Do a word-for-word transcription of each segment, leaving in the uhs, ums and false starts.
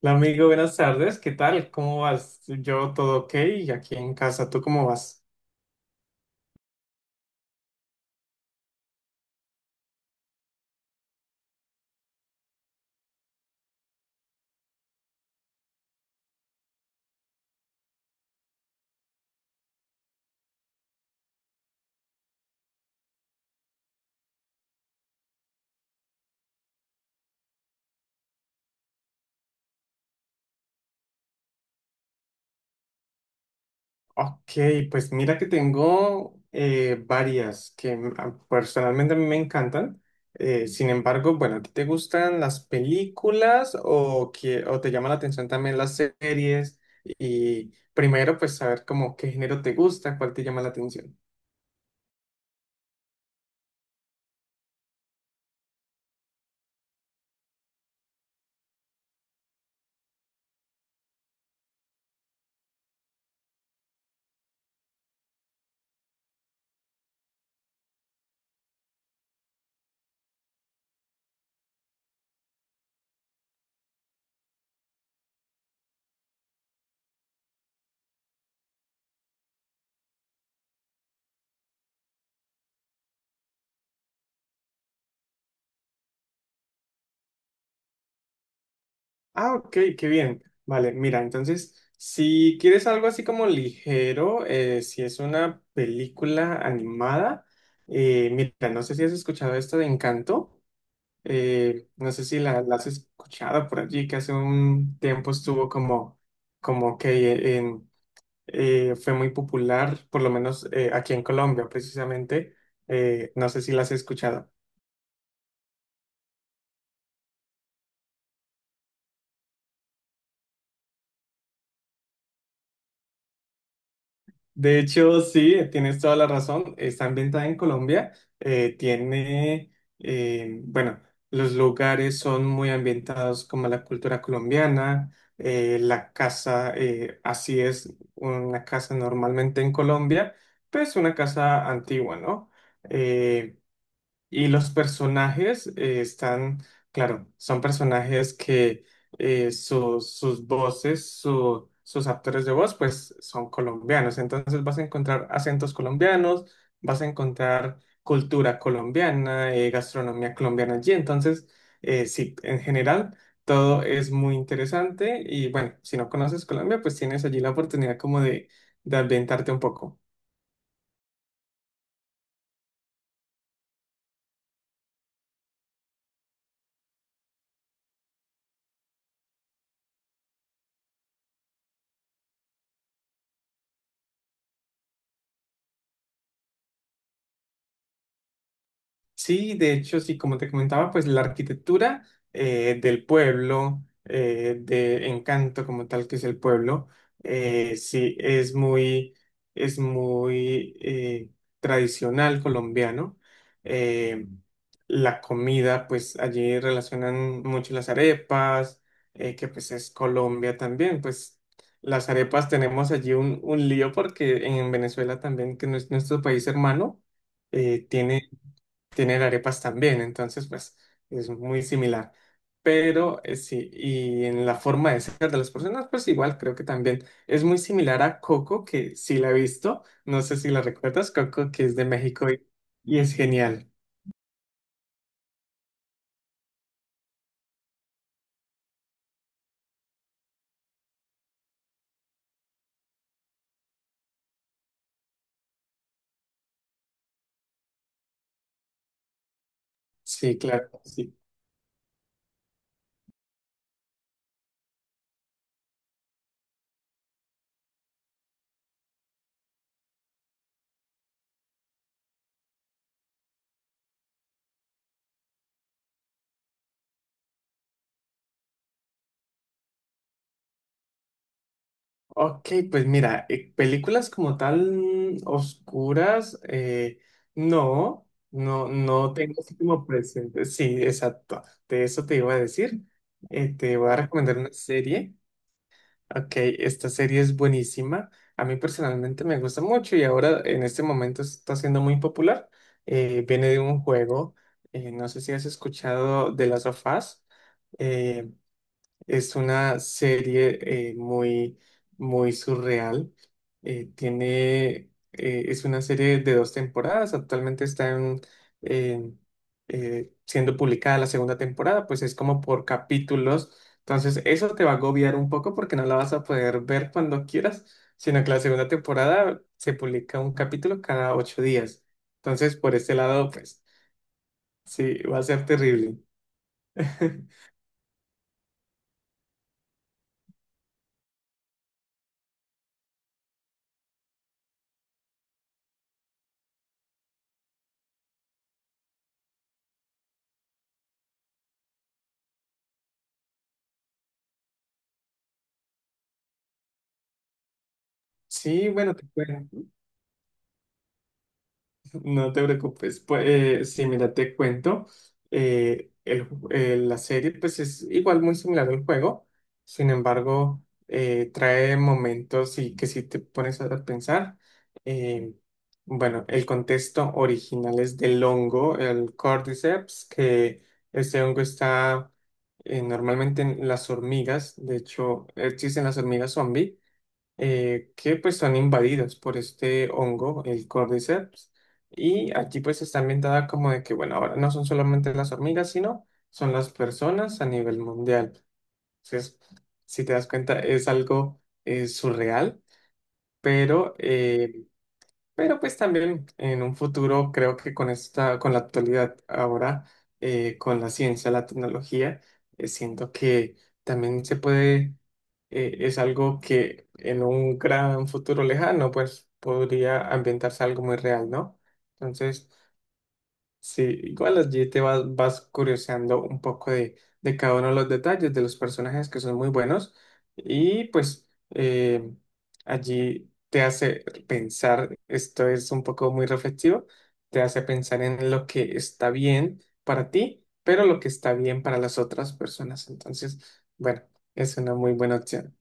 Hola amigo, buenas tardes, ¿qué tal? ¿Cómo vas? Yo todo ok, aquí en casa, ¿tú cómo vas? Ok, pues mira que tengo eh, varias que m- a- personalmente a mí me encantan. Eh, sin embargo, bueno, ¿a ti te gustan las películas o, que, o te llama la atención también las series? Y primero, pues saber como qué género te gusta, cuál te llama la atención. Ah, ok, qué bien. Vale, mira, entonces, si quieres algo así como ligero, eh, si es una película animada, eh, mira, no sé si has escuchado esto de Encanto, eh, no sé si la, la has escuchado por allí, que hace un tiempo estuvo como, como que eh, en- eh, fue muy popular, por lo menos eh, aquí en Colombia, precisamente, eh, no sé si la has escuchado. De hecho, sí, tienes toda la razón. Está ambientada en Colombia. eh, tiene, eh, bueno, los lugares son muy ambientados como la cultura colombiana. Eh, la casa, eh, así es una casa normalmente en Colombia, pues una casa antigua, ¿no? Eh, y los personajes eh, están, claro, son personajes que eh, su- sus voces, su- sus actores de voz, pues son colombianos. Entonces vas a encontrar acentos colombianos, vas a encontrar cultura colombiana, eh, gastronomía colombiana allí. Entonces, eh, sí, en general, todo es muy interesante. Y bueno, si no conoces Colombia, pues tienes allí la oportunidad como de, de ambientarte un poco. Sí, de hecho, sí, como te comentaba, pues la arquitectura eh, del pueblo, eh, de encanto como tal que es el pueblo, eh, sí, es muy, es muy eh, tradicional colombiano. Eh, la comida, pues allí relacionan mucho las arepas, eh, que pues es Colombia también, pues las arepas tenemos allí un, un lío porque en Venezuela también, que no es nuestro país hermano, eh, tiene tienen arepas también, entonces pues es muy similar. Pero eh, sí, y en la forma de ser de las personas, pues igual creo que también es muy similar a Coco, que sí la he visto, no sé si la recuerdas, Coco, que es de México y, y es genial. Sí, claro, sí. Ok, pues mira, eh, películas como tal mm, oscuras, eh, no, no, no tengo así como presente. Sí, exacto, de eso te iba a decir. Eh, te voy a recomendar una serie. Ok, esta serie es buenísima. A mí personalmente me gusta mucho y ahora en este momento está siendo muy popular. Eh, viene de un juego, eh, no sé si has escuchado de las of Us. Eh, es una serie eh, muy, muy surreal. Eh, tiene, eh, es una serie de dos temporadas. Actualmente está en- en, eh, siendo publicada la segunda temporada, pues es como por capítulos. Entonces, eso te va a agobiar un poco porque no la vas a poder ver cuando quieras, sino que la segunda temporada se publica un capítulo cada ocho días. Entonces, por este lado, pues sí, va a ser terrible. Sí, bueno, te cuento. No te preocupes, pues eh, sí, mira, te cuento, eh, el ju- eh, la serie pues es igual muy similar al juego, sin embargo, eh, trae momentos y que si te pones a pensar, eh, bueno, el contexto original es del hongo, el Cordyceps, que este hongo está eh, normalmente en las hormigas, de hecho existen las hormigas zombie eh, que pues son invadidas por este hongo, el Cordyceps, y aquí pues está ambientada como de que, bueno, ahora no son solamente las hormigas, sino son las personas a nivel mundial. Entonces, si te das cuenta, es algo eh, surreal, pero eh, pero pues también en un futuro creo que con esta, con la actualidad ahora, eh, con la ciencia, la tecnología, eh, siento que también se puede, eh, es algo que en un gran futuro lejano, pues podría ambientarse algo muy real, ¿no? Entonces, sí, igual allí te vas, vas curioseando un poco de, de cada uno de los detalles de los personajes que son muy buenos y pues eh, allí te hace pensar, esto es un poco muy reflexivo, te hace pensar en lo que está bien para ti, pero lo que está bien para las otras personas. Entonces, bueno, es una muy buena opción.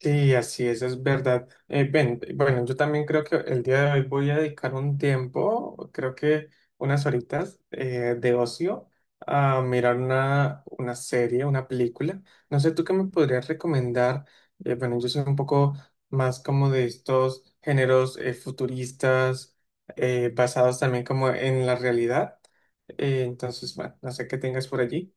Sí, así es, es verdad. Eh, ven, bueno, yo también creo que el día de hoy voy a dedicar un tiempo, creo que unas horitas eh, de ocio a mirar una, una serie, una película. No sé, ¿tú qué me podrías recomendar? Eh, bueno, yo soy un poco más como de estos géneros eh, futuristas, eh, basados también como en la realidad. Eh, entonces, bueno, no sé qué tengas por allí.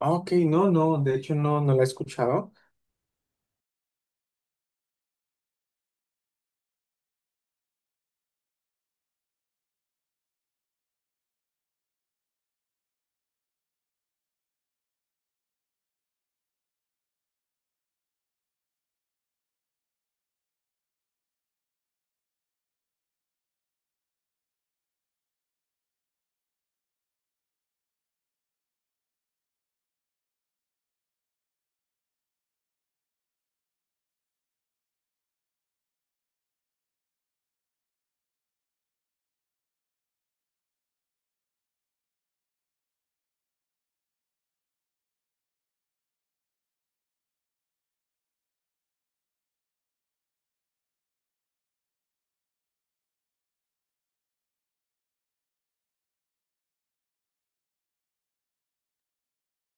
Ah, ok, no, no, de hecho no, no la he escuchado.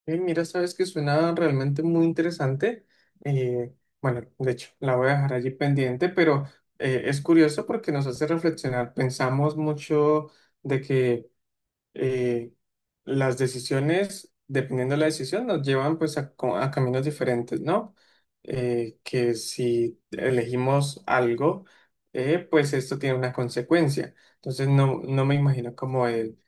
Eh, mira, sabes que suena realmente muy interesante. Eh, bueno, de hecho, la voy a dejar allí pendiente, pero eh, es curioso porque nos hace reflexionar. Pensamos mucho de que eh, las decisiones, dependiendo de la decisión, nos llevan pues a, co- a caminos diferentes, ¿no? Eh, que si elegimos algo, eh, pues esto tiene una consecuencia. Entonces, no, no me imagino como el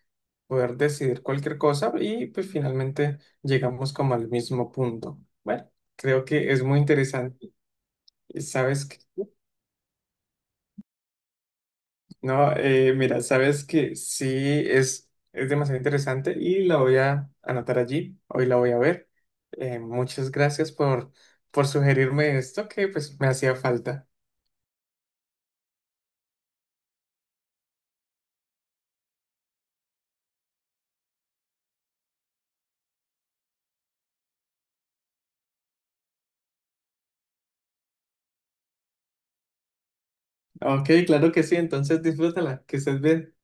poder decidir cualquier cosa y pues finalmente llegamos como al mismo punto. Bueno, creo que es muy interesante. Y sabes que, no, eh, mira, sabes que sí es, es demasiado interesante y la voy a anotar allí, hoy la voy a ver. Eh, muchas gracias por, por sugerirme esto que pues me hacía falta. Ok, claro que sí, entonces disfrútala, que estés bien.